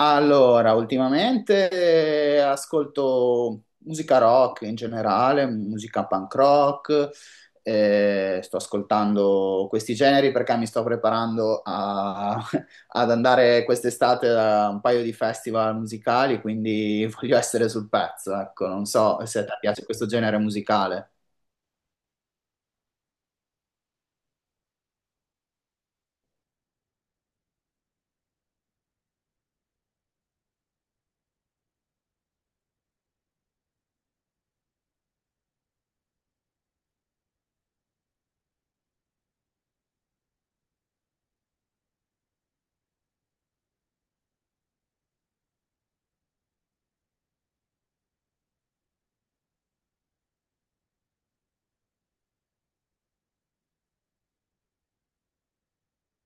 Allora, ultimamente ascolto musica rock in generale, musica punk rock, sto ascoltando questi generi perché mi sto preparando ad andare quest'estate a un paio di festival musicali, quindi voglio essere sul pezzo, ecco, non so se a te piace questo genere musicale.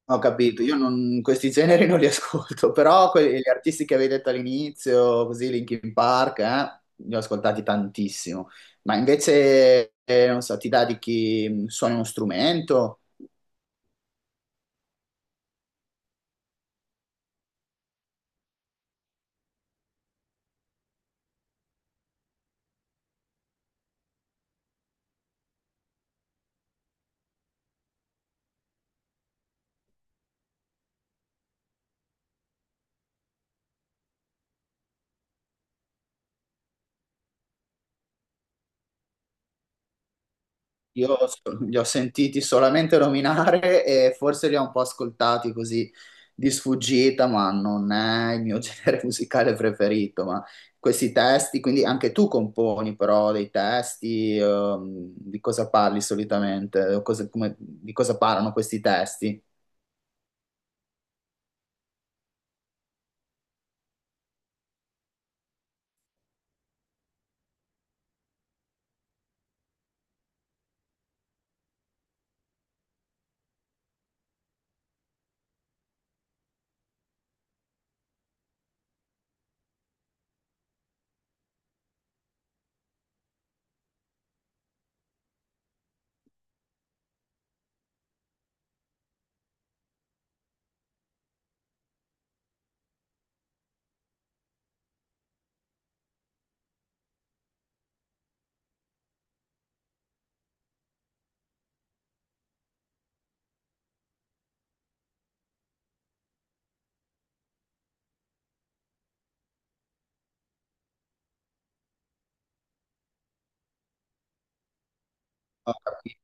Ho capito, io non, questi generi non li ascolto, però quelli, gli artisti che avevi detto all'inizio, così Linkin Park, li ho ascoltati tantissimo. Ma invece, non so, ti dà di chi suona uno strumento? Li ho sentiti solamente nominare e forse li ho un po' ascoltati così di sfuggita, ma non è il mio genere musicale preferito. Ma questi testi, quindi anche tu componi però dei testi, di cosa parli solitamente? O di cosa parlano questi testi? Ho capito.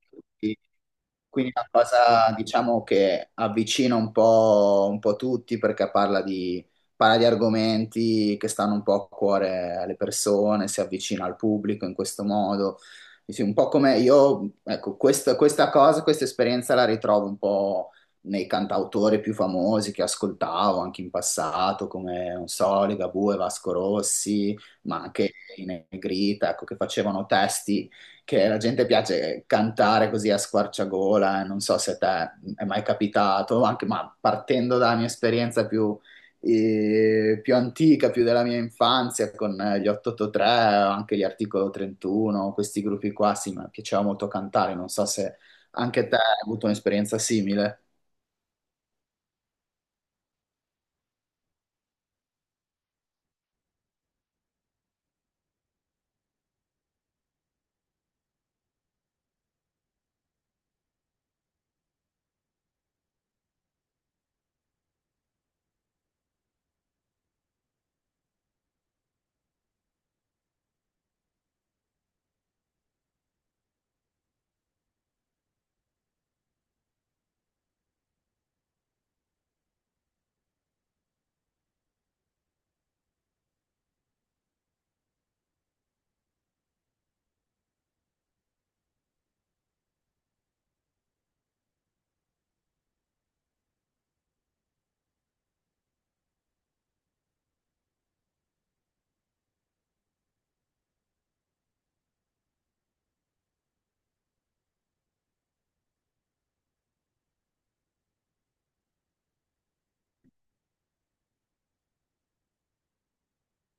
Quindi è una cosa, diciamo, che avvicina un po' tutti perché parla di argomenti che stanno un po' a cuore alle persone, si avvicina al pubblico in questo modo. Sì, sì, un po' come io, ecco, questa cosa, questa esperienza la ritrovo un po' nei cantautori più famosi che ascoltavo anche in passato, come, non so, Ligabue, Vasco Rossi, ma anche i Negrita, ecco, che facevano testi che la gente piace cantare così a squarciagola, e non so se a te è mai capitato, anche, ma partendo dalla mia esperienza più, più antica, più della mia infanzia, con gli 883, anche gli Articolo 31, questi gruppi qua, sì, mi piaceva molto cantare, non so se anche te hai avuto un'esperienza simile.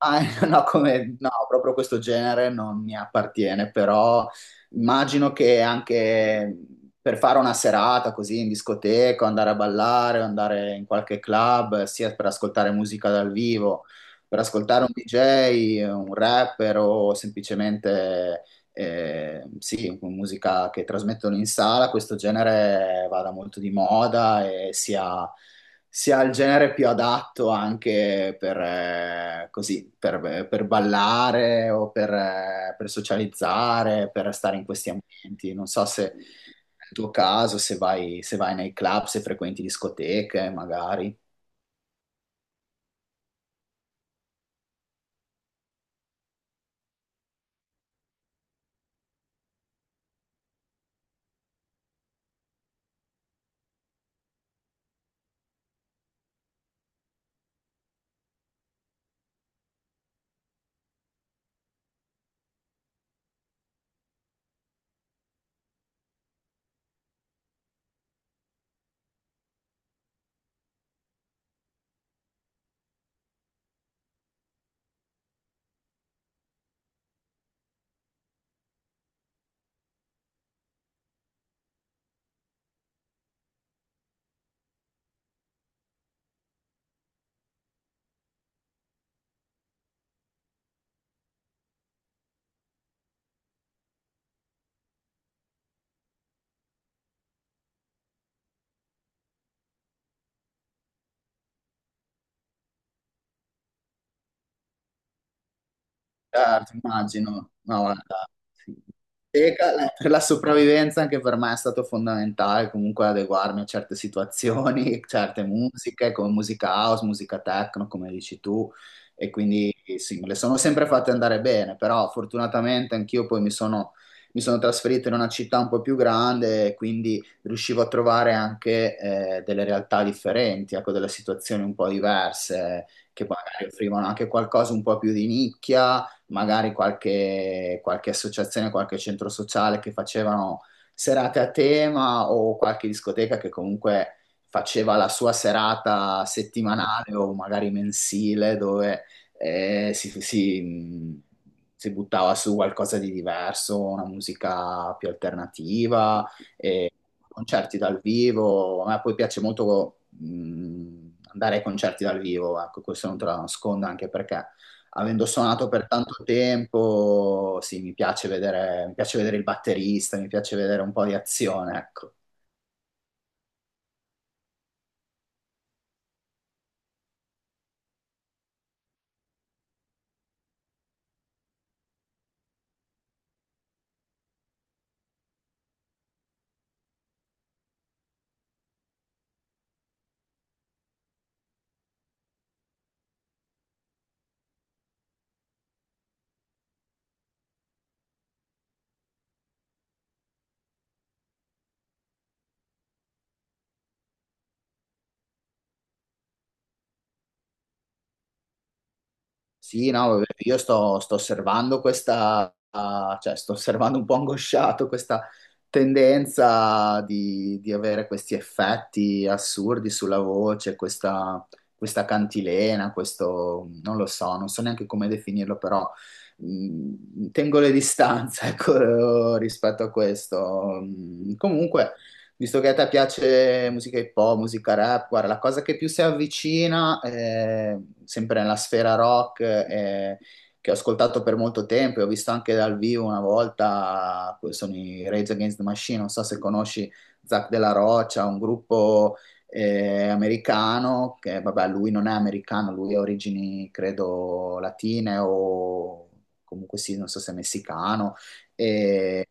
Ah, no, come, no, proprio questo genere non mi appartiene, però immagino che anche per fare una serata così in discoteca, andare a ballare, andare in qualche club, sia per ascoltare musica dal vivo, per ascoltare un DJ, un rapper o semplicemente sì, con musica che trasmettono in sala, questo genere vada molto di moda e sia il genere più adatto anche per, così, per ballare o per socializzare, per stare in questi ambienti. Non so se nel tuo caso, se vai nei club, se frequenti discoteche, magari. Certo, immagino. No, guarda, sì. Teca, per la sopravvivenza anche per me è stato fondamentale comunque adeguarmi a certe situazioni, certe musiche, come musica house, musica techno, come dici tu, e quindi sì, me le sono sempre fatte andare bene, però fortunatamente anch'io poi mi sono trasferito in una città un po' più grande, e quindi riuscivo a trovare anche delle realtà differenti, ecco, delle situazioni un po' diverse, che magari offrivano anche qualcosa un po' più di nicchia magari qualche associazione, qualche centro sociale che facevano serate a tema o qualche discoteca che comunque faceva la sua serata settimanale o magari mensile dove eh, si, si- si buttava su qualcosa di diverso, una musica più alternativa, e concerti dal vivo. A me poi piace molto andare ai concerti dal vivo, ecco, questo non te lo nascondo anche perché avendo suonato per tanto tempo, sì, mi piace vedere il batterista, mi piace vedere un po' di azione, ecco. Sì, no, vabbè, sto osservando questa, ah, cioè sto osservando un po' angosciato questa tendenza di avere questi effetti assurdi sulla voce, questa cantilena, questo, non lo so, non so neanche come definirlo, però tengo le distanze, ecco, rispetto a questo. Comunque... Visto che a te piace musica hip hop, musica rap, guarda, la cosa che più si avvicina, sempre nella sfera rock, che ho ascoltato per molto tempo e ho visto anche dal vivo una volta, sono i Rage Against the Machine, non so se conosci Zac Della Rocha, un gruppo americano, che vabbè, lui non è americano, lui ha origini, credo, latine o comunque sì, non so se messicano. E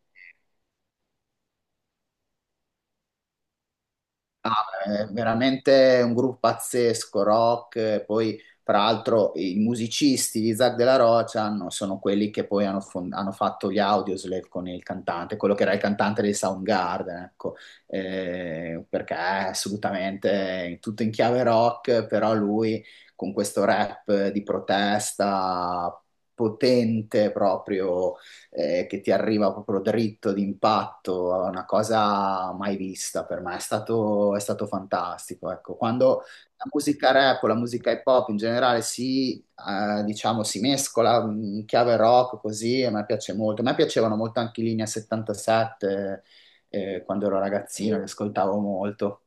ah, è veramente un gruppo pazzesco, rock, poi tra l'altro i musicisti di Isaac Della Rocha sono quelli che poi hanno fatto gli Audioslave con il cantante, quello che era il cantante dei Soundgarden, ecco, eh, perché è assolutamente tutto in chiave rock, però lui con questo rap di protesta potente proprio che ti arriva proprio dritto d'impatto, è una cosa mai vista per me, è stato fantastico. Ecco, quando la musica rap o la musica hip hop in generale diciamo, si mescola in chiave rock così, a me piace molto. A me piacevano molto anche i Linea 77, quando ero ragazzino, li ascoltavo molto.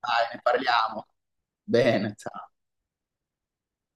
Dai, ne parliamo. Bene, ciao.